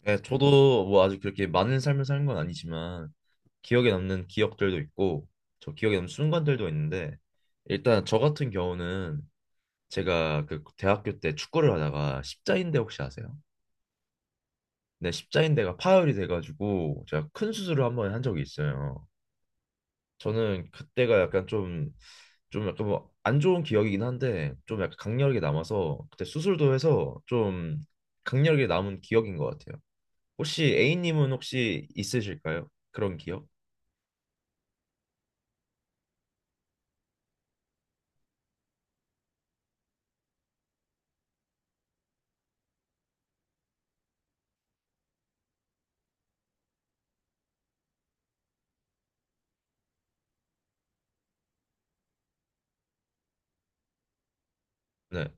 네, 저도 뭐 아주 그렇게 많은 삶을 사는 건 아니지만 기억에 남는 기억들도 있고 저 기억에 남는 순간들도 있는데, 일단 저 같은 경우는 제가 그 대학교 때 축구를 하다가 십자인대 혹시 아세요? 네, 십자인대가 파열이 돼가지고 제가 큰 수술을 한 번 한 적이 있어요. 저는 그때가 약간 좀 약간 뭐 안 좋은 기억이긴 한데 좀 약간 강렬하게 남아서 그때 수술도 해서 좀 강렬하게 남은 기억인 것 같아요. 혹시 A님은 혹시 있으실까요? 그런 기억? 네,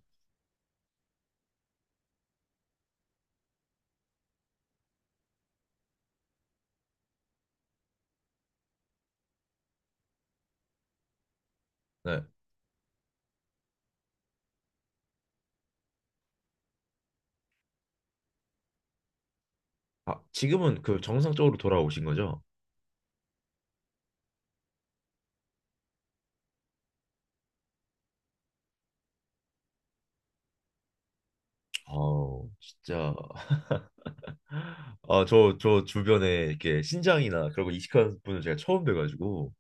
네. 아, 지금은 그 정상적으로 돌아오신 거죠? 아우, 진짜. 아, 저 주변에 이렇게 신장이나 그런 거 이식하는 분을 제가 처음 뵈가지고,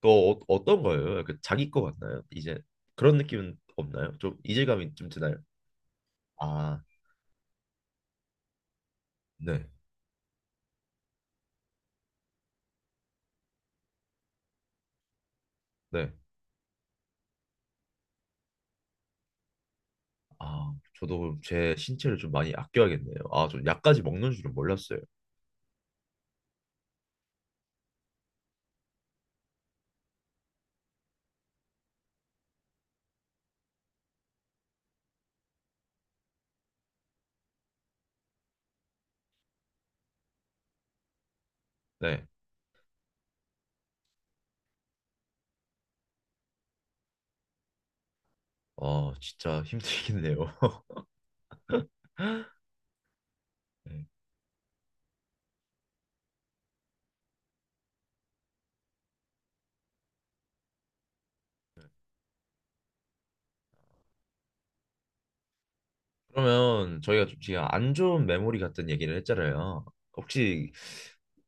또 어떤 거예요? 약간 자기 거 같나요? 이제 그런 느낌은 없나요? 좀 이질감이 좀 드나요? 아, 네, 네. 아, 저도 제 신체를 좀 많이 아껴야겠네요. 아, 저 약까지 먹는 줄은 몰랐어요. 네. 아, 진짜 힘들겠네요. 그러면 저희가 좀 지금 안 좋은 메모리 같은 얘기를 했잖아요. 혹시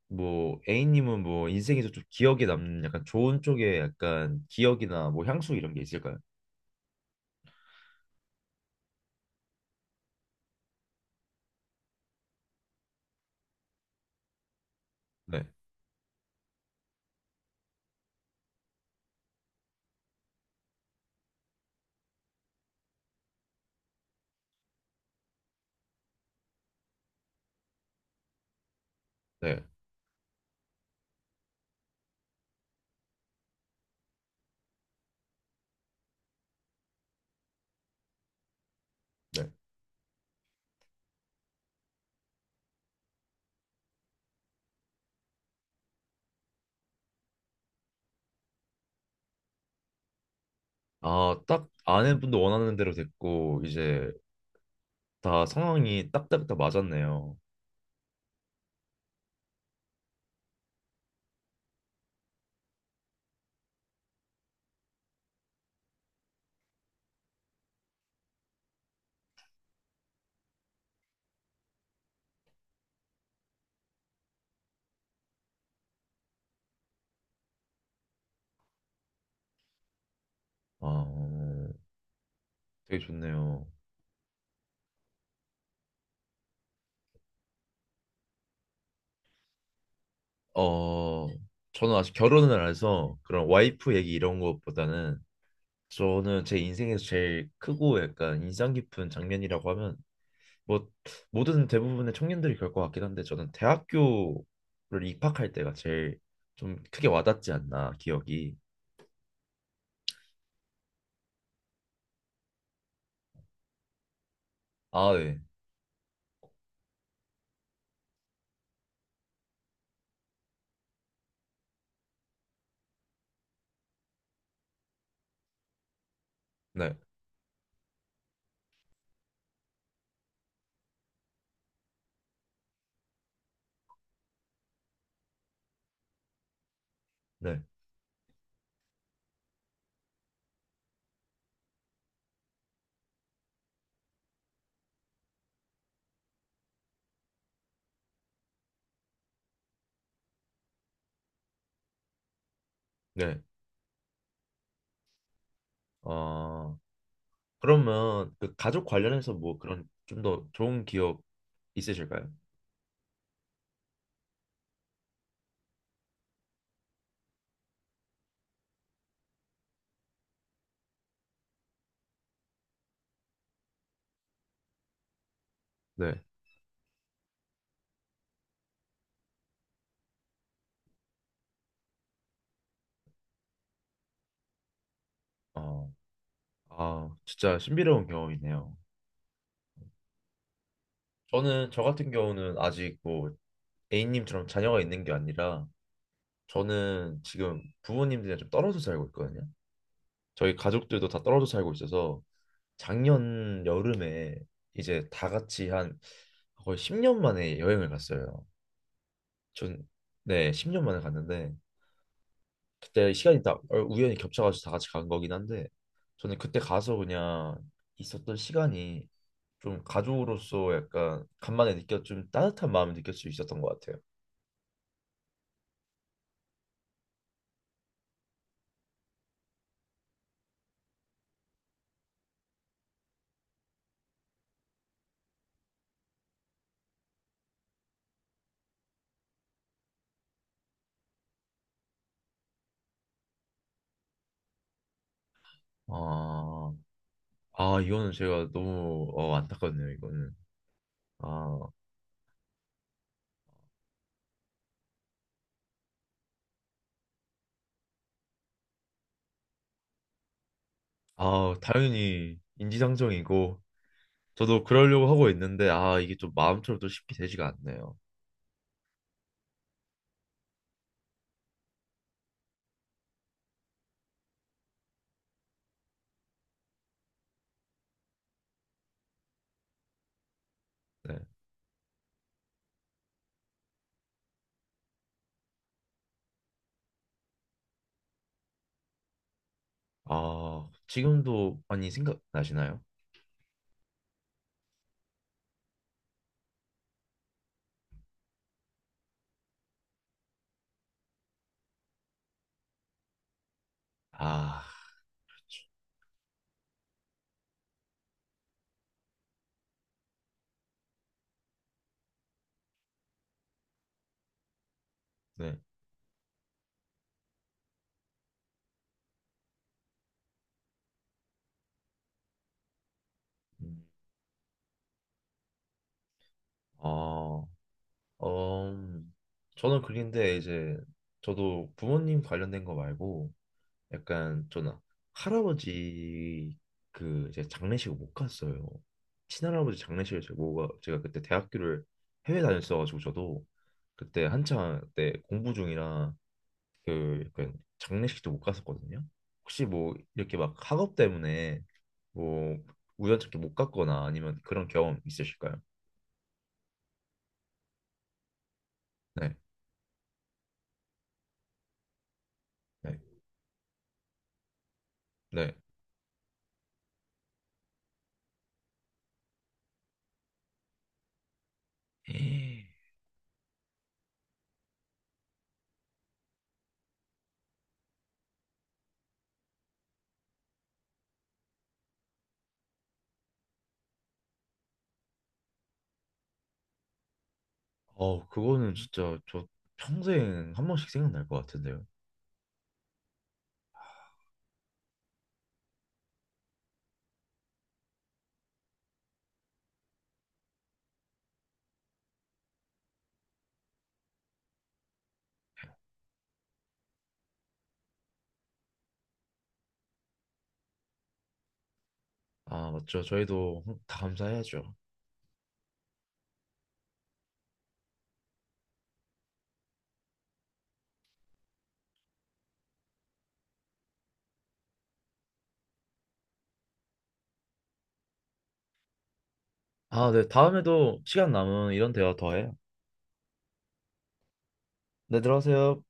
뭐 A님은 뭐 인생에서 좀 기억에 남는 약간 좋은 쪽에 약간 기억이나 뭐 향수 이런 게 있을까요? 네, 네, 네. 아, 딱 아내분도 원하는 대로 됐고 이제 다 상황이 딱딱딱 맞았네요. 아, 되게 좋네요. 어, 저는 아직 결혼을 안 해서 그런 와이프 얘기 이런 것보다는 저는 제 인생에서 제일 크고 약간 인상 깊은 장면이라고 하면, 뭐 모든 대부분의 청년들이 그럴 것 같긴 한데 저는 대학교를 입학할 때가 제일 좀 크게 와닿지 않나 기억이. 아 네. 네. 네. 네. 어 그러면 그 가족 관련해서 뭐 그런 좀 더 좋은 기억 있으실까요? 네. 어. 아 진짜 신비로운 경험이네요. 저는 저 같은 경우는 아직 뭐 A님처럼 자녀가 있는 게 아니라 저는 지금 부모님들이랑 좀 떨어져 살고 있거든요. 저희 가족들도 다 떨어져 살고 있어서 작년 여름에 이제 다 같이 한 거의 10년 만에 여행을 갔어요. 전, 네, 10년 만에 갔는데 그때 시간이 다 어, 우연히 겹쳐가지고 다 같이 간 거긴 한데 저는 그때 가서 그냥 있었던 시간이 좀 가족으로서 약간 간만에 느꼈 좀 따뜻한 마음을 느낄 수 있었던 것 같아요. 아, 아 이거는 제가 너무 안타깝네요, 이거는. 아. 아, 당연히 인지상정이고 저도 그러려고 하고 있는데 아, 이게 좀 마음처럼 또 쉽게 되지가 않네요. 네. 아, 지금도 많이 생각나시나요? 아, 네. 음, 어, 음, 저는 그런데 이제 저도 부모님 관련된 거 말고 약간 저는 할아버지 그 이제 장례식을 못 갔어요. 친할아버지 장례식을 제가 뭐가 제가 그때 대학교를 해외 다녔어가지고 저도 그때 한창 때 공부 중이라 그 약간 장례식도 못 갔었거든요. 혹시 뭐 이렇게 막 학업 때문에 뭐 우연찮게 못 갔거나 아니면 그런 경험 있으실까요? 네, 네, 네. 에이, 어, 그거는 진짜 저 평생 한 번씩 생각날 것 같은데요. 아, 맞죠. 저희도 다 감사해야죠. 아, 네. 다음에도 시간 남은 이런 대화 더 해요. 네, 들어가세요.